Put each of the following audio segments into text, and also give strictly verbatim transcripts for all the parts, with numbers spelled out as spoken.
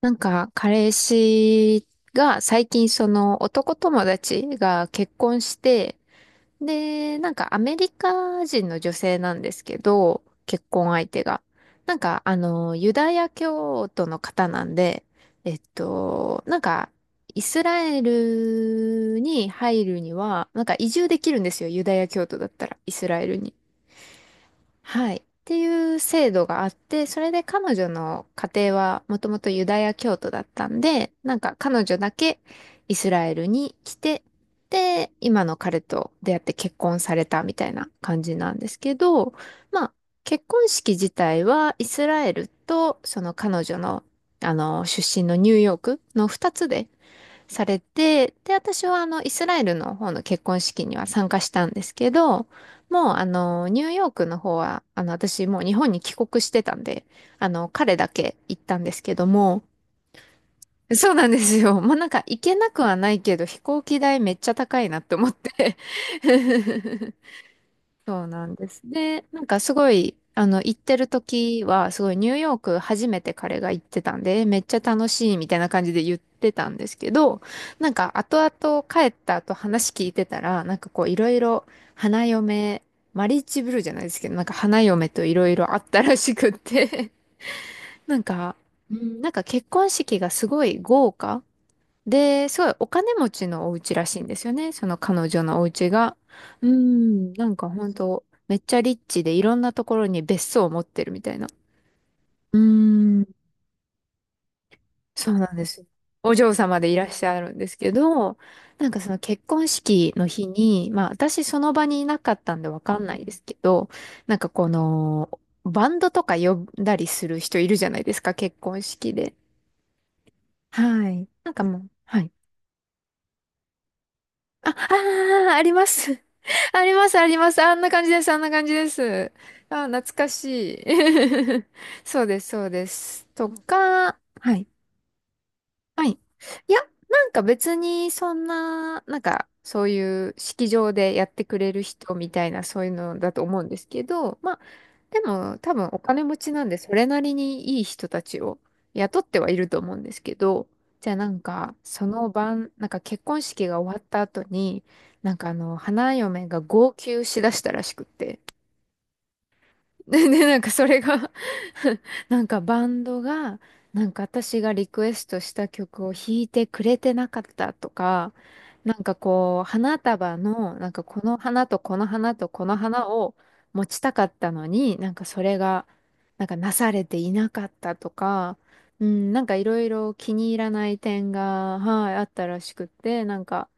なんか、彼氏が最近その男友達が結婚して、で、なんかアメリカ人の女性なんですけど、結婚相手が。なんか、あの、ユダヤ教徒の方なんで、えっと、なんか、イスラエルに入るには、なんか移住できるんですよ、ユダヤ教徒だったら、イスラエルに。はい、っていう制度があって、それで彼女の家庭はもともとユダヤ教徒だったんで、なんか彼女だけイスラエルに来て、で、今の彼と出会って結婚されたみたいな感じなんですけど、まあ、結婚式自体はイスラエルとその彼女の、あの、出身のニューヨークのふたつでされて、で、私はあの、イスラエルの方の結婚式には参加したんですけど、もうあの、ニューヨークの方は、あの、私もう日本に帰国してたんで、あの、彼だけ行ったんですけども、そうなんですよ。もうなんか行けなくはないけど、飛行機代めっちゃ高いなって思って。そうなんです。で、なんかすごい、あの、行ってる時は、すごいニューヨーク初めて彼が行ってたんで、めっちゃ楽しいみたいな感じで言ってたんですけど、なんか後々帰った後話聞いてたら、なんかこういろいろ花嫁、マリッジブルーじゃないですけど、なんか花嫁といろいろあったらしくって、なんか、うんなんか結婚式がすごい豪華で、すごいお金持ちのお家らしいんですよね。その彼女のお家が。うん、なんか本当めっちゃリッチでいろんなところに別荘を持ってるみたいな。うーん、そうなんです。お嬢様でいらっしゃるんですけど、なんかその結婚式の日に、まあ私その場にいなかったんでわかんないですけど、なんかこの、バンドとか呼んだりする人いるじゃないですか、結婚式で。はい。なんかもう、はい。あ、あー、あります。あります、あります。あんな感じです、あんな感じです。あー、懐かしい。そうです、そうです。とか、はい。はい。いや、なんか別にそんな、なんかそういう式場でやってくれる人みたいなそういうのだと思うんですけど、まあでも多分お金持ちなんでそれなりにいい人たちを雇ってはいると思うんですけど、じゃあなんかその晩、なんか結婚式が終わった後に、なんかあの花嫁が号泣しだしたらしくって。で、で、なんかそれが、 なんかバンドが、なんか私がリクエストした曲を弾いてくれてなかったとか、なんかこう、花束の、なんかこの花とこの花とこの花を持ちたかったのに、なんかそれが、なんかなされていなかったとか、うん、なんかいろいろ気に入らない点が、はい、あったらしくって、なんか、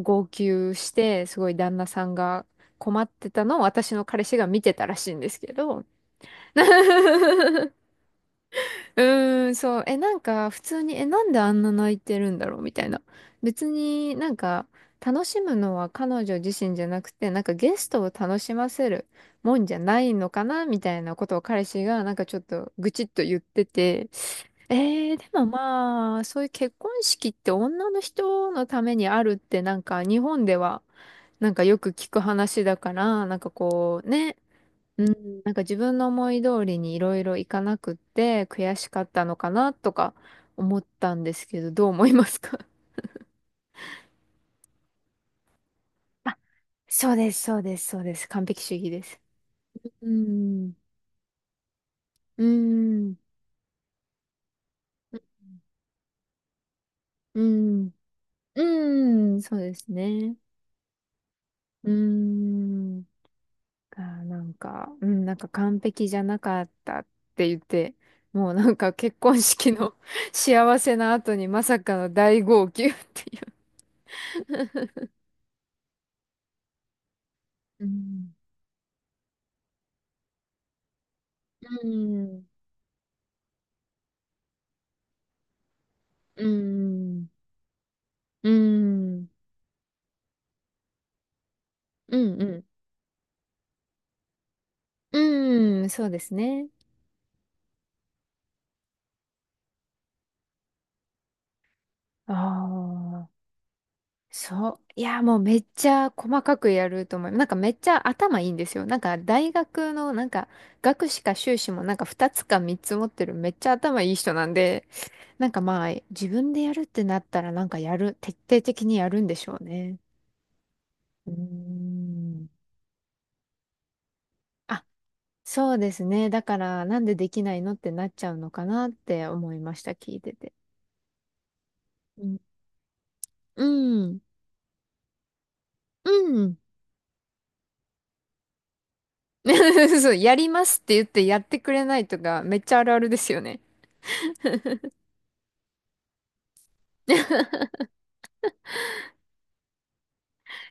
号泣して、すごい旦那さんが、困ってたのを私の彼氏が見てたらしいんですけど。うーん、そう。え、なんか普通に、え、なんであんな泣いてるんだろうみたいな。別になんか楽しむのは彼女自身じゃなくて、なんかゲストを楽しませるもんじゃないのかなみたいなことを彼氏がなんかちょっと愚痴っと言ってて。えー、でもまあ、そういう結婚式って女の人のためにあるってなんか日本ではなんかよく聞く話だから、なんかこうね、うん、なんか自分の思い通りにいろいろいかなくって悔しかったのかなとか思ったんですけど、どう思いますか？ あ、そうです、そうです、そうです。完璧主義です。うん、うん、うん、うん、そうですね。うん、がなんか、うん、なんか完璧じゃなかったって言って、もうなんか結婚式の 幸せな後にまさかの大号泣っていう。うん、うんうん。うん。うん。うん。うん。そうですね。ああ。そう。いや、もうめっちゃ細かくやると思います。なんかめっちゃ頭いいんですよ。なんか大学のなんか学士か修士もなんかふたつかみっつ持ってるめっちゃ頭いい人なんで、なんかまあ自分でやるってなったらなんかやる、徹底的にやるんでしょうね。うーん。あ、そうですね。だからなんでできないのってなっちゃうのかなって思いました。聞いてて。うん。うん。そう、やりますって言ってやってくれないとか、めっちゃあるあるですよね。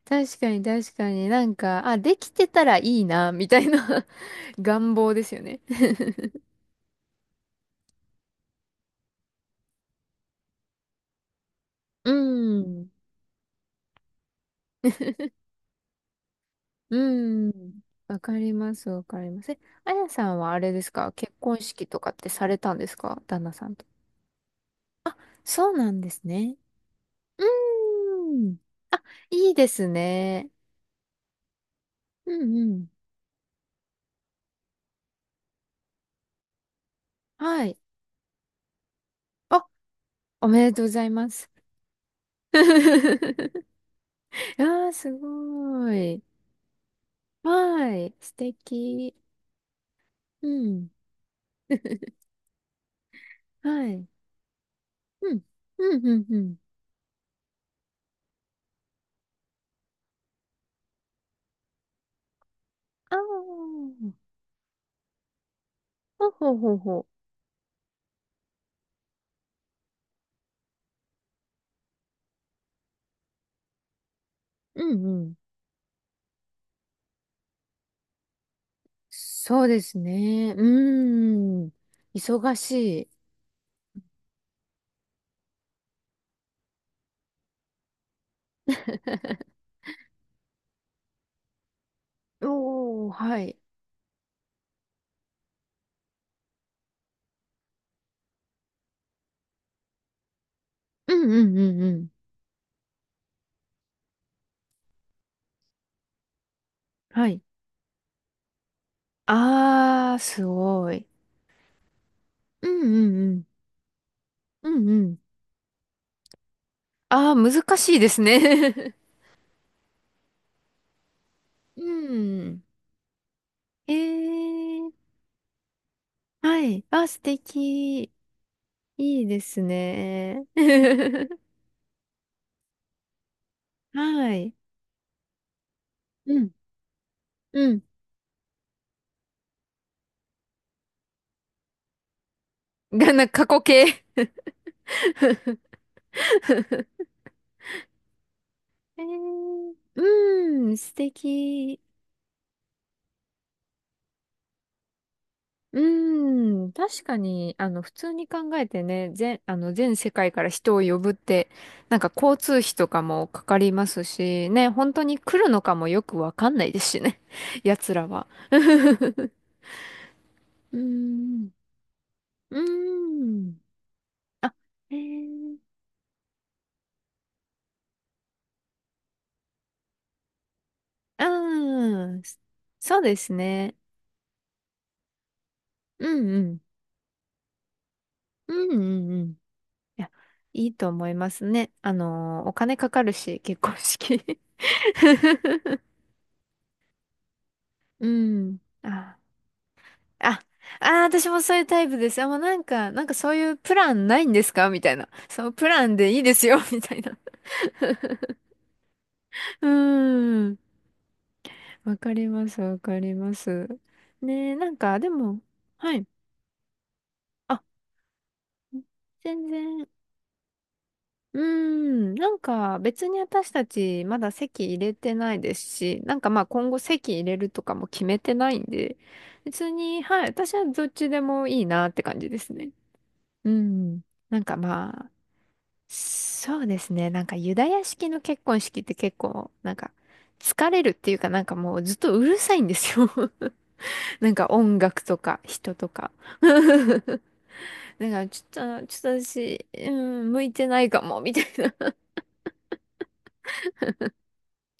確かに確かになんか、あ、できてたらいいな、みたいな 願望ですよね。うん。うん。わかります、わかります。え、あやさんはあれですか、結婚式とかってされたんですか、旦那さんと。そうなんですね。うん。いいですね。うんうん。はい。あ、おめでとうございます。ああ、すごい。はい。素敵。うん。はい。うん。うん、うん、うん。ああ、ほうほうほうほう。うん、うん。そうですね。うーん。忙しい。おー、はい。うん、うん、うん、うん。はい。あーすごい。うん、うん、うん。うん、うん。あー難しいですね。うん。えー。はい。あー、素敵。いいですね。はい。うん。うん。がな、過去形。えー、うーん、素敵。うーん、確かに、あの、普通に考えてね、全、あの、全世界から人を呼ぶって、なんか交通費とかもかかりますし、ね、本当に来るのかもよくわかんないですしね、奴らは。うーん、うーん。あ、えー、うーん、そうですね。うんうん。うんうんうん。いや、いいと思いますね。あのーお金かかるし、結婚式。うん。あ、あ、あ、私もそういうタイプです。あ、もうなんか、なんかそういうプランないんですかみたいな。そのプランでいいですよ、みたいな。うーん。わかります、わかります。ねえ、なんか、でも、はい。あ、全然。うーん、なんか別に私たちまだ籍入れてないですし、なんかまあ今後籍入れるとかも決めてないんで、別に、はい、私はどっちでもいいなって感じですね。うん、なんかまあ、そうですね、なんかユダヤ式の結婚式って結構、なんか疲れるっていうか、なんかもうずっとうるさいんですよ。 なんか音楽とか人とか。だからちょっと、ちょっと私、うん、向いてないかも、みたいな。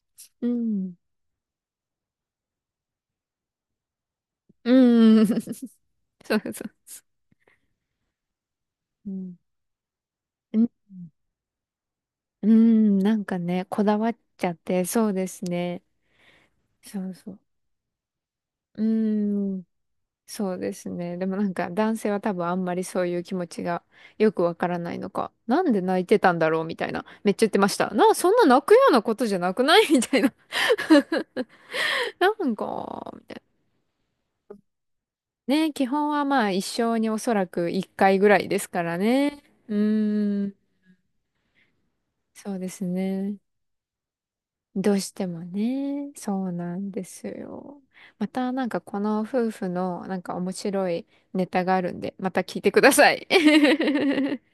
うん。うん。そうそう。うん。うん、うんなんかね、こだわっちゃって、そうですね。そうそう。うん、そうですね。でもなんか男性は多分あんまりそういう気持ちがよくわからないのか、なんで泣いてたんだろうみたいな。めっちゃ言ってました。な、そんな泣くようなことじゃなくないみたいな。なんか、みたいな。ね、基本はまあ一生におそらく一回ぐらいですからね。うーん、そうですね。どうしてもね、そうなんですよ。またなんかこの夫婦のなんか面白いネタがあるんで、また聞いてください。